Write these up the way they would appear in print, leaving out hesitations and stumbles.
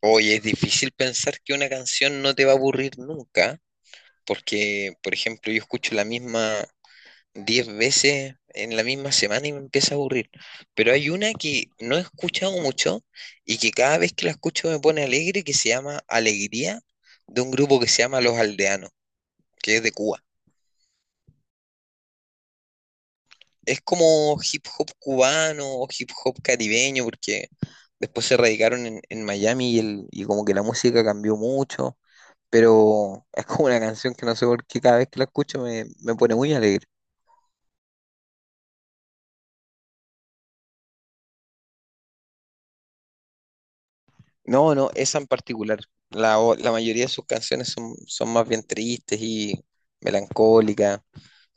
Oye, es difícil pensar que una canción no te va a aburrir nunca, porque, por ejemplo, yo escucho la misma 10 veces en la misma semana y me empieza a aburrir. Pero hay una que no he escuchado mucho y que cada vez que la escucho me pone alegre, que se llama Alegría, de un grupo que se llama Los Aldeanos, que es de Cuba. Es como hip hop cubano o hip hop caribeño, porque después se radicaron en Miami y como que la música cambió mucho. Pero es como una canción que no sé por qué cada vez que la escucho me pone muy alegre. No, no, esa en particular. La mayoría de sus canciones son más bien tristes y melancólicas.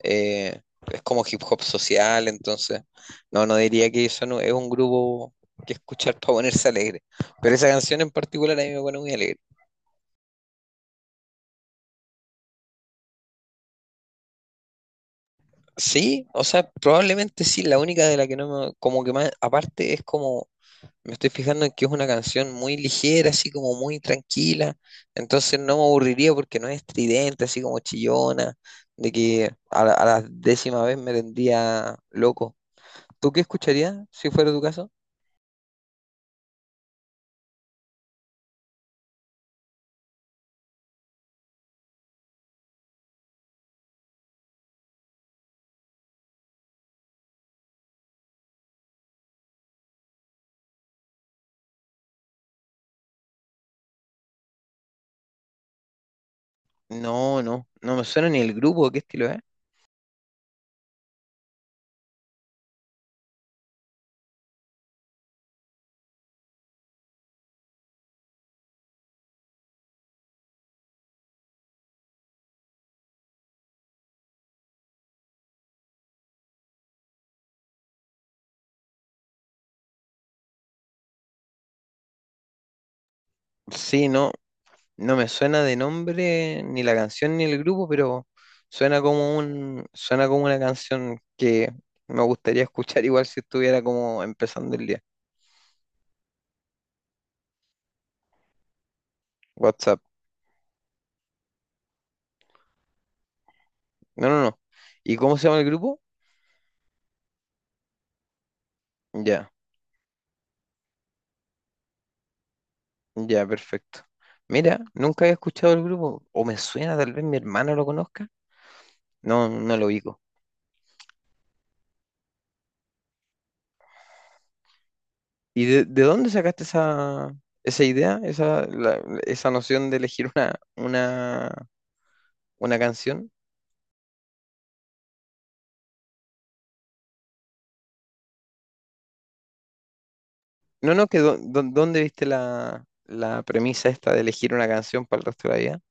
eh, es como hip hop social, entonces, no, no diría que eso no, es un grupo que escuchar para ponerse alegre. Pero esa canción en particular a mí me pone muy alegre. Sí, o sea, probablemente sí, la única de la que no me, como que más, aparte es como. Me estoy fijando en que es una canción muy ligera, así como muy tranquila, entonces no me aburriría porque no es estridente, así como chillona, de que a la, 10.ª vez me tendría loco. ¿Tú qué escucharías si fuera tu caso? No, no, no me suena ni el grupo, ¿qué estilo es? Sí, no, no me suena de nombre ni la canción ni el grupo, pero suena como una canción que me gustaría escuchar igual si estuviera como empezando el día. WhatsApp. No, no, no. ¿Y cómo se llama el grupo? Ya, ya, perfecto. Mira, nunca había escuchado el grupo, o me suena, tal vez mi hermano lo conozca. No, no lo ubico. ¿Y de dónde sacaste esa idea, esa noción de elegir una, una canción? No, no, que ¿dónde viste la premisa esta de elegir una canción para el resto de la vida?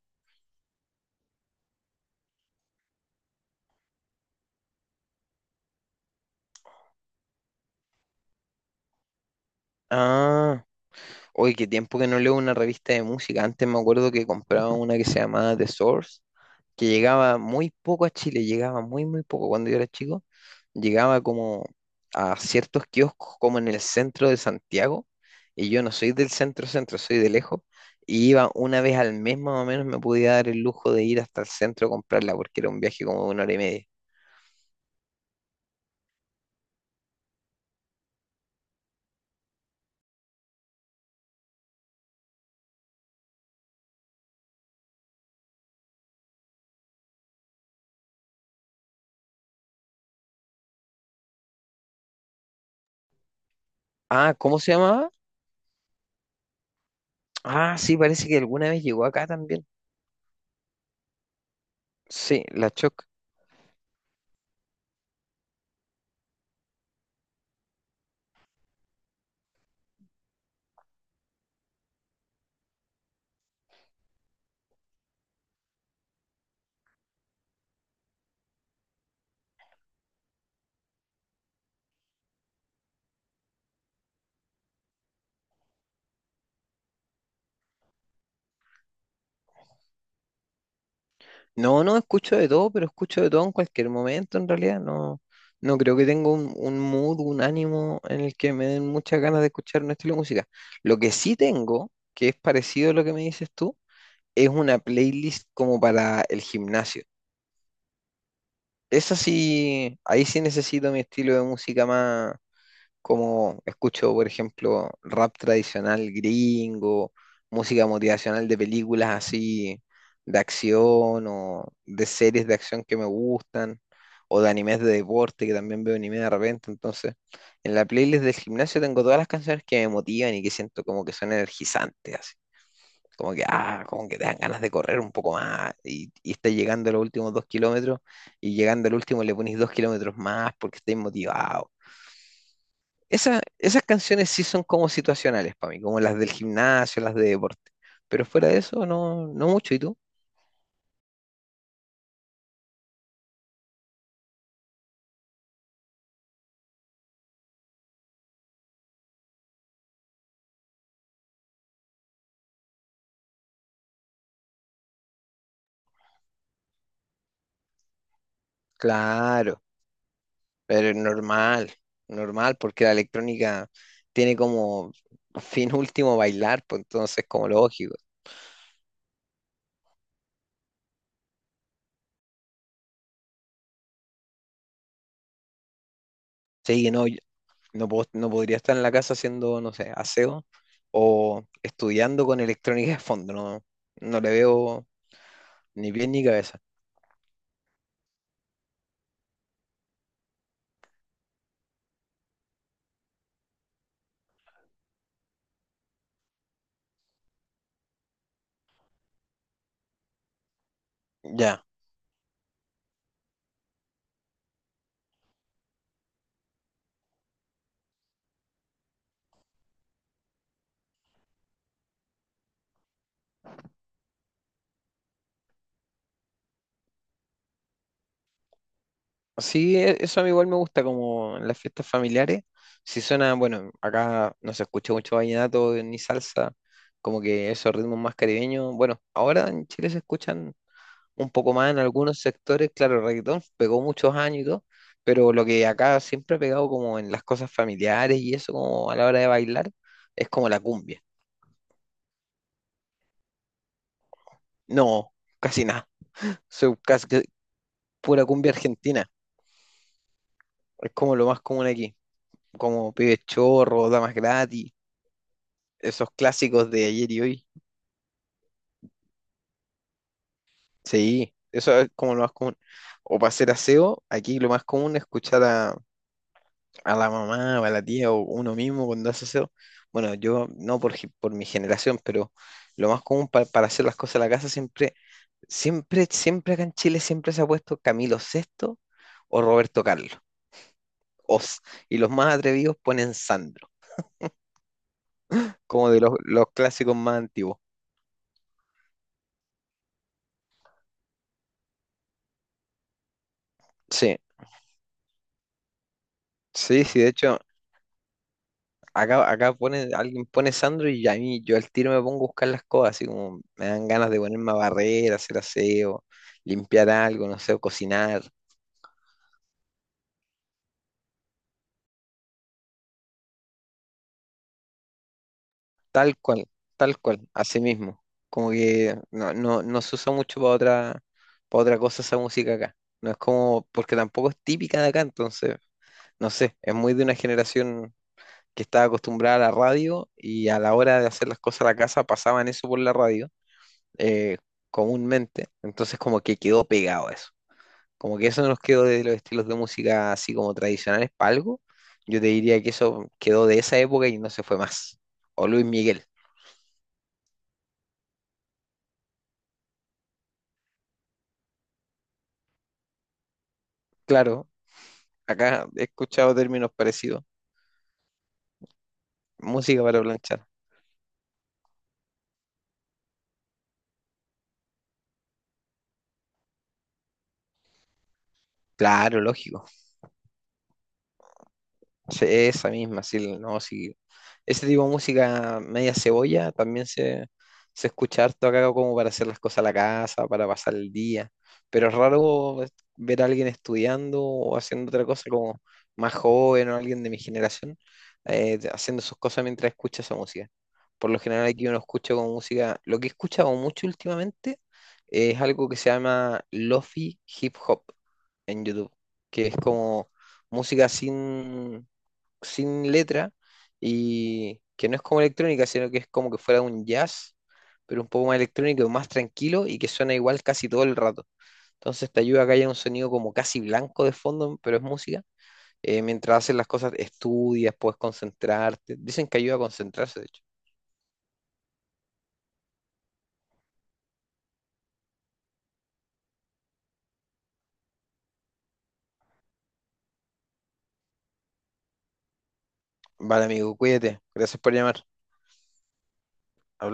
Ah, hoy qué tiempo que no leo una revista de música. Antes me acuerdo que compraba una que se llamaba The Source, que llegaba muy poco a Chile, llegaba muy, muy poco cuando yo era chico, llegaba como a ciertos kioscos como en el centro de Santiago, y yo no soy del centro centro, soy de lejos, y iba una vez al mes más o menos, me podía dar el lujo de ir hasta el centro a comprarla, porque era un viaje como de una hora y media. Ah, ¿cómo se llamaba? Ah, sí, parece que alguna vez llegó acá también. Sí, la Choc. No, no, escucho de todo, pero escucho de todo en cualquier momento, en realidad. No, no creo que tenga un mood, un ánimo en el que me den muchas ganas de escuchar un estilo de música. Lo que sí tengo, que es parecido a lo que me dices tú, es una playlist como para el gimnasio. Esa sí, ahí sí necesito mi estilo de música más, como escucho, por ejemplo, rap tradicional gringo, música motivacional de películas así de acción o de series de acción que me gustan, o de animes de deporte, que también veo anime de repente. Entonces, en la playlist del gimnasio tengo todas las canciones que me motivan y que siento como que son energizantes, así. Como que, ah, como que te dan ganas de correr un poco más y estás llegando a los últimos 2 kilómetros y llegando al último le pones 2 kilómetros más porque estás motivado. Esas canciones sí son como situacionales para mí, como las del gimnasio, las de deporte. Pero fuera de eso, no, no mucho. ¿Y tú? Claro, pero es normal, normal, porque la electrónica tiene como fin último bailar, pues entonces como lógico. Sí, que no, yo no podría estar en la casa haciendo, no sé, aseo o estudiando con electrónica de fondo, no, no le veo ni pie ni cabeza. Ya. Sí, eso a mí igual me gusta, como en las fiestas familiares. Si suena, bueno, acá no se escucha mucho vallenato ni salsa, como que esos ritmos más caribeños. Bueno, ahora en Chile se escuchan un poco más en algunos sectores, claro, el reggaetón pegó muchos años y todo, pero lo que acá siempre ha pegado como en las cosas familiares y eso, como a la hora de bailar, es como la cumbia. No, casi nada. So, casi que pura cumbia argentina. Es como lo más común aquí, como pibes chorros, damas gratis. Esos clásicos de ayer y hoy. Sí, eso es como lo más común. O para hacer aseo, aquí lo más común es escuchar a la mamá o a la tía o uno mismo cuando hace aseo. Bueno, yo no por mi generación, pero lo más común para hacer las cosas en la casa siempre, siempre, siempre acá en Chile siempre se ha puesto Camilo Sexto o Roberto Carlos. Os. Y los más atrevidos ponen Sandro, como de los clásicos más antiguos. Sí, sí, sí, de hecho, acá pone, alguien pone Sandro y a mí yo al tiro me pongo a buscar las cosas, así como me dan ganas de ponerme a barrer, hacer aseo, limpiar algo, no sé, o cocinar, tal cual, tal cual, así mismo. Como que no, no, no se usa mucho para otra cosa esa música acá. No es como, porque tampoco es típica de acá, entonces, no sé, es muy de una generación que estaba acostumbrada a la radio y a la hora de hacer las cosas a la casa pasaban eso por la radio eh, comúnmente. Entonces como que quedó pegado eso. Como que eso nos quedó de los estilos de música así como tradicionales para algo. Yo te diría que eso quedó de esa época y no se fue más. O Luis Miguel. Claro, acá he escuchado términos parecidos. Música para planchar. Claro, lógico. Sí, esa misma, sí, no, sí. Ese tipo de música media cebolla también se escucha harto acá como para hacer las cosas a la casa, para pasar el día. Pero es raro ver a alguien estudiando o haciendo otra cosa como más joven o alguien de mi generación haciendo sus cosas mientras escucha esa música. Por lo general aquí uno escucha como música, lo que he escuchado mucho últimamente es algo que se llama lofi hip hop en YouTube, que es como música sin letra y que no es como electrónica, sino que es como que fuera un jazz, pero un poco más electrónico, más tranquilo y que suena igual casi todo el rato. Entonces te ayuda a que haya un sonido como casi blanco de fondo, pero es música. Mientras haces las cosas, estudias, puedes concentrarte. Dicen que ayuda a concentrarse, de hecho. Vale, amigo, cuídate. Gracias por llamar.